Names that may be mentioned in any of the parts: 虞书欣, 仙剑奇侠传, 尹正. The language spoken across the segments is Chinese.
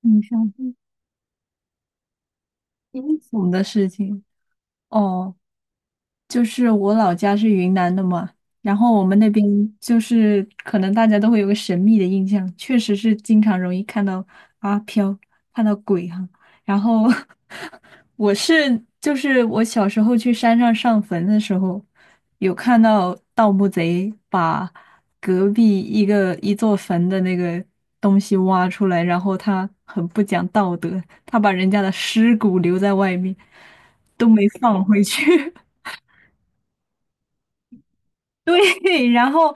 你上次清楚的事情。哦，就是我老家是云南的嘛，然后我们那边就是可能大家都会有个神秘的印象，确实是经常容易看到阿飘，看到鬼哈、然后 就是我小时候去山上上坟的时候，有看到盗墓贼把隔壁一座坟的那个东西挖出来，然后他很不讲道德，他把人家的尸骨留在外面，都没放回去。对，然后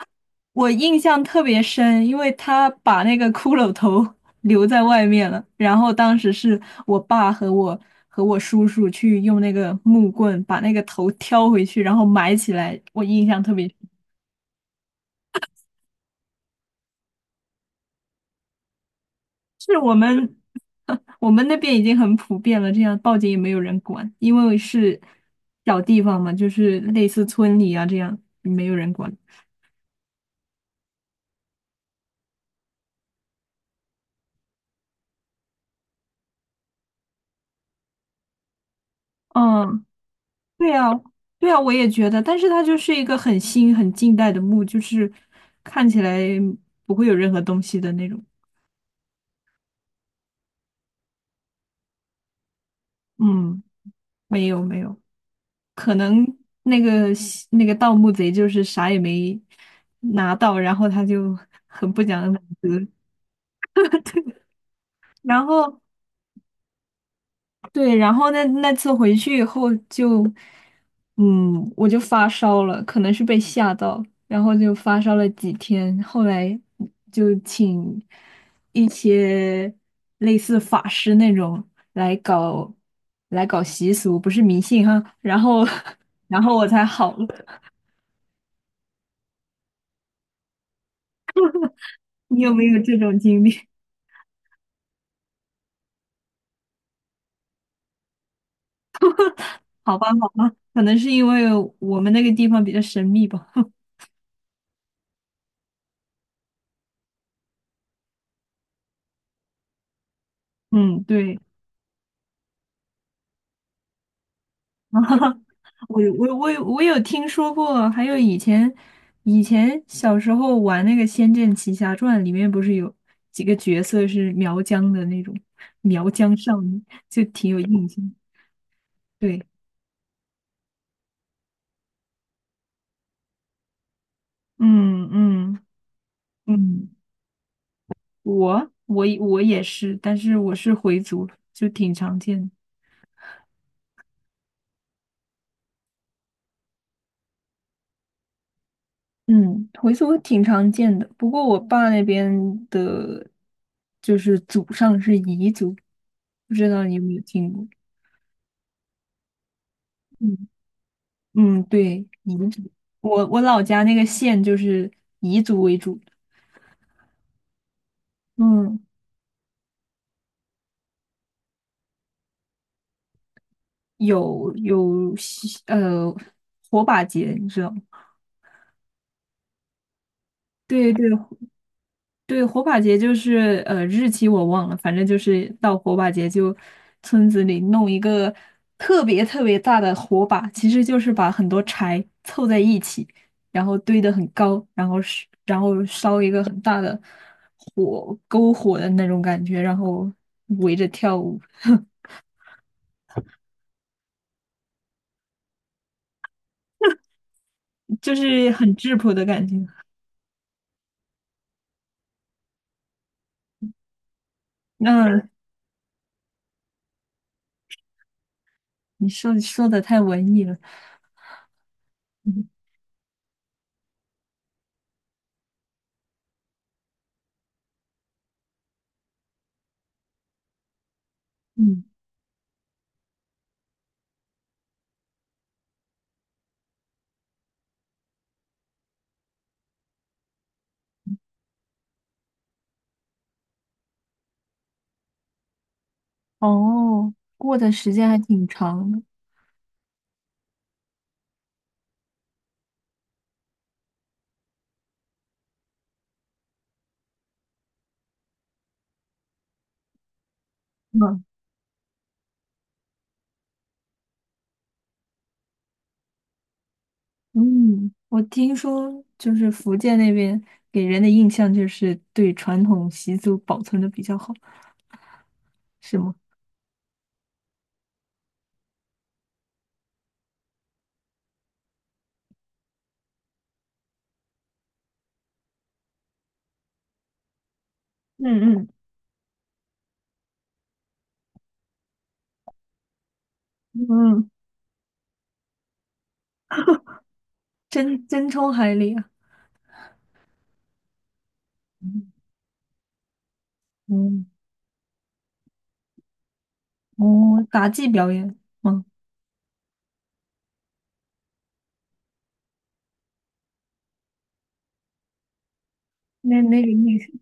我印象特别深，因为他把那个骷髅头 留在外面了。然后当时是我爸和我和我叔叔去用那个木棍把那个头挑回去，然后埋起来。我印象特别深是我们 我们那边已经很普遍了，这样报警也没有人管，因为是小地方嘛，就是类似村里啊这样，没有人管。嗯，对啊，对啊，我也觉得，但是它就是一个很新、很近代的墓，就是看起来不会有任何东西的那种。嗯，没有没有，可能那个西那个盗墓贼就是啥也没拿到，然后他就很不讲武德，然后对，然后那那次回去以后就，嗯，我就发烧了，可能是被吓到，然后就发烧了几天，后来就请一些类似法师那种来搞来搞习俗，不是迷信哈，然后 然后我才好了。你有没有这种经历？好吧，好吧，可能是因为我们那个地方比较神秘吧。嗯，对。哈哈，我有听说过，还有以前小时候玩那个《仙剑奇侠传》，里面不是有几个角色是苗疆的那种苗疆少女，就挺有印象。对，嗯嗯。嗯，我也是，但是我是回族，就挺常见的。嗯，回族挺常见的，不过我爸那边的，就是祖上是彝族，不知道你有没有听过？嗯。嗯，对，彝族，我我老家那个县就是彝族为主，嗯，有火把节，你知道吗？对对，对，火把节就是日期我忘了，反正就是到火把节就村子里弄一个特别特别大的火把，其实就是把很多柴凑在一起，然后堆得很高，然后烧一个很大的篝火的那种感觉，然后围着跳舞，就是很质朴的感觉。那你说说的太文艺了，嗯嗯，哦，过的时间还挺长的。嗯嗯，我听说就是福建那边给人的印象就是对传统习俗保存的比较好，是吗？嗯嗯嗯，真真冲海里啊！嗯嗯，哦，杂技表演吗？那那个意思。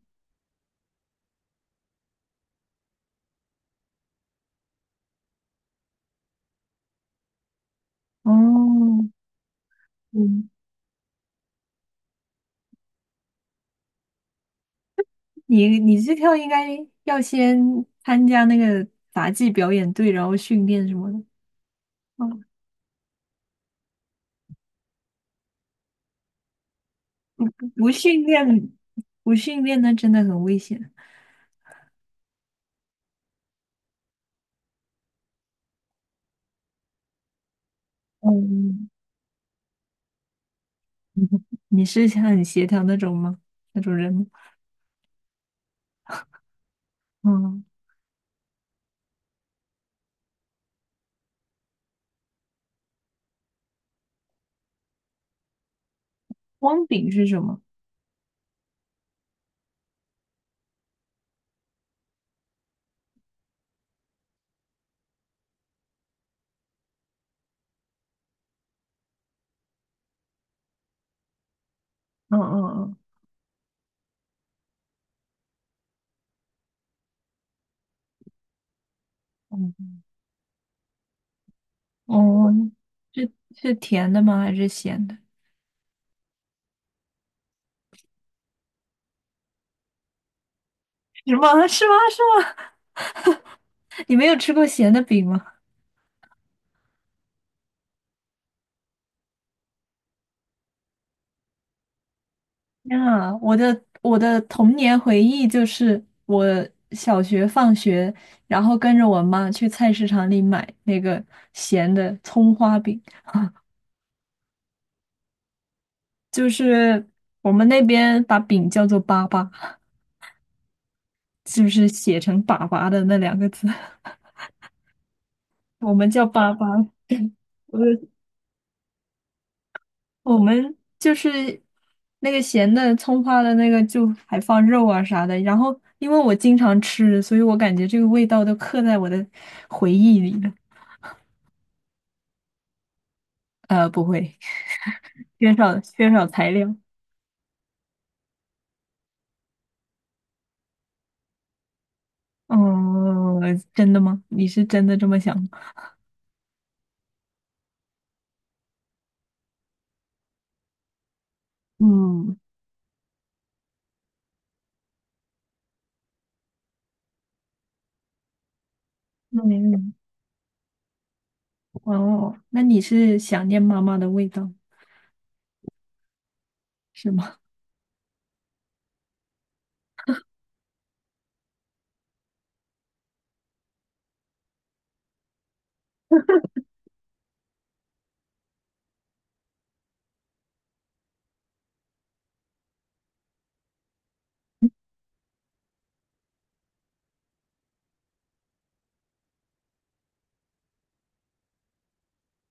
哦，嗯，你你这跳应该要先参加那个杂技表演队，然后训练什么的。哦，不训练，不训练那真的很危险。嗯，你是很协调那种吗？那种人吗？嗯，光饼是什么？嗯嗯嗯嗯，哦，嗯，是是甜的吗？还是咸的？是吗？是吗？是吗？你没有吃过咸的饼吗？天啊，我的我的童年回忆就是我小学放学，然后跟着我妈去菜市场里买那个咸的葱花饼，就是我们那边把饼叫做粑粑，就是写成粑粑的那两个字。我们叫粑粑，我我们就是那个咸的葱花的那个，就还放肉啊啥的。然后因为我经常吃，所以我感觉这个味道都刻在我的回忆里了。不会，缺少材料。嗯，真的吗？你是真的这么想吗？嗯嗯，哦，那你是想念妈妈的味道是吗？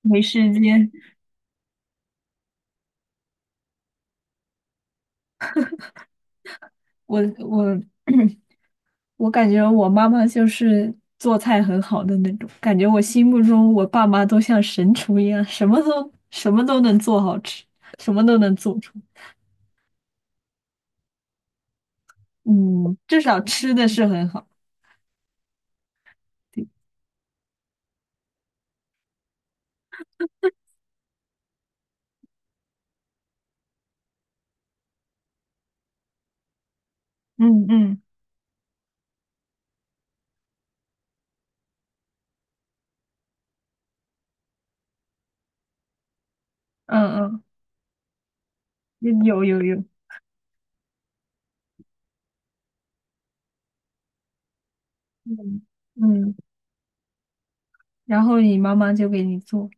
没时间，我我我感觉我妈妈就是做菜很好的那种，感觉我心目中我爸妈都像神厨一样，什么都能做好吃，什么都能做出。嗯，至少吃的是很好。对，嗯嗯嗯嗯，有有有，嗯，嗯，然后你妈妈就给你做，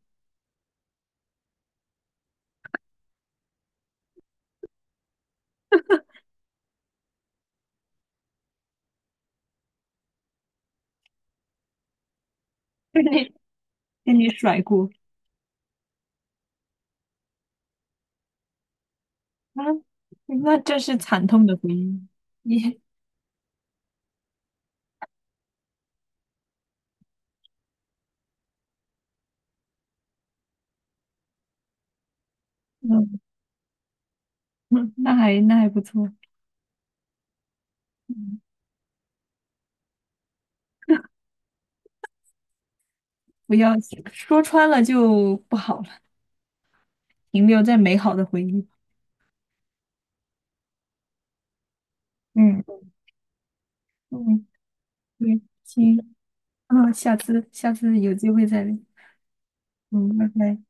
给你给你甩锅，啊，那这是惨痛的回忆。你，嗯，嗯那还那还不错，嗯，不要说穿了就不好。了。停留在美好的回忆。嗯。嗯，对，行，啊，下次下次有机会再聊。嗯，拜拜。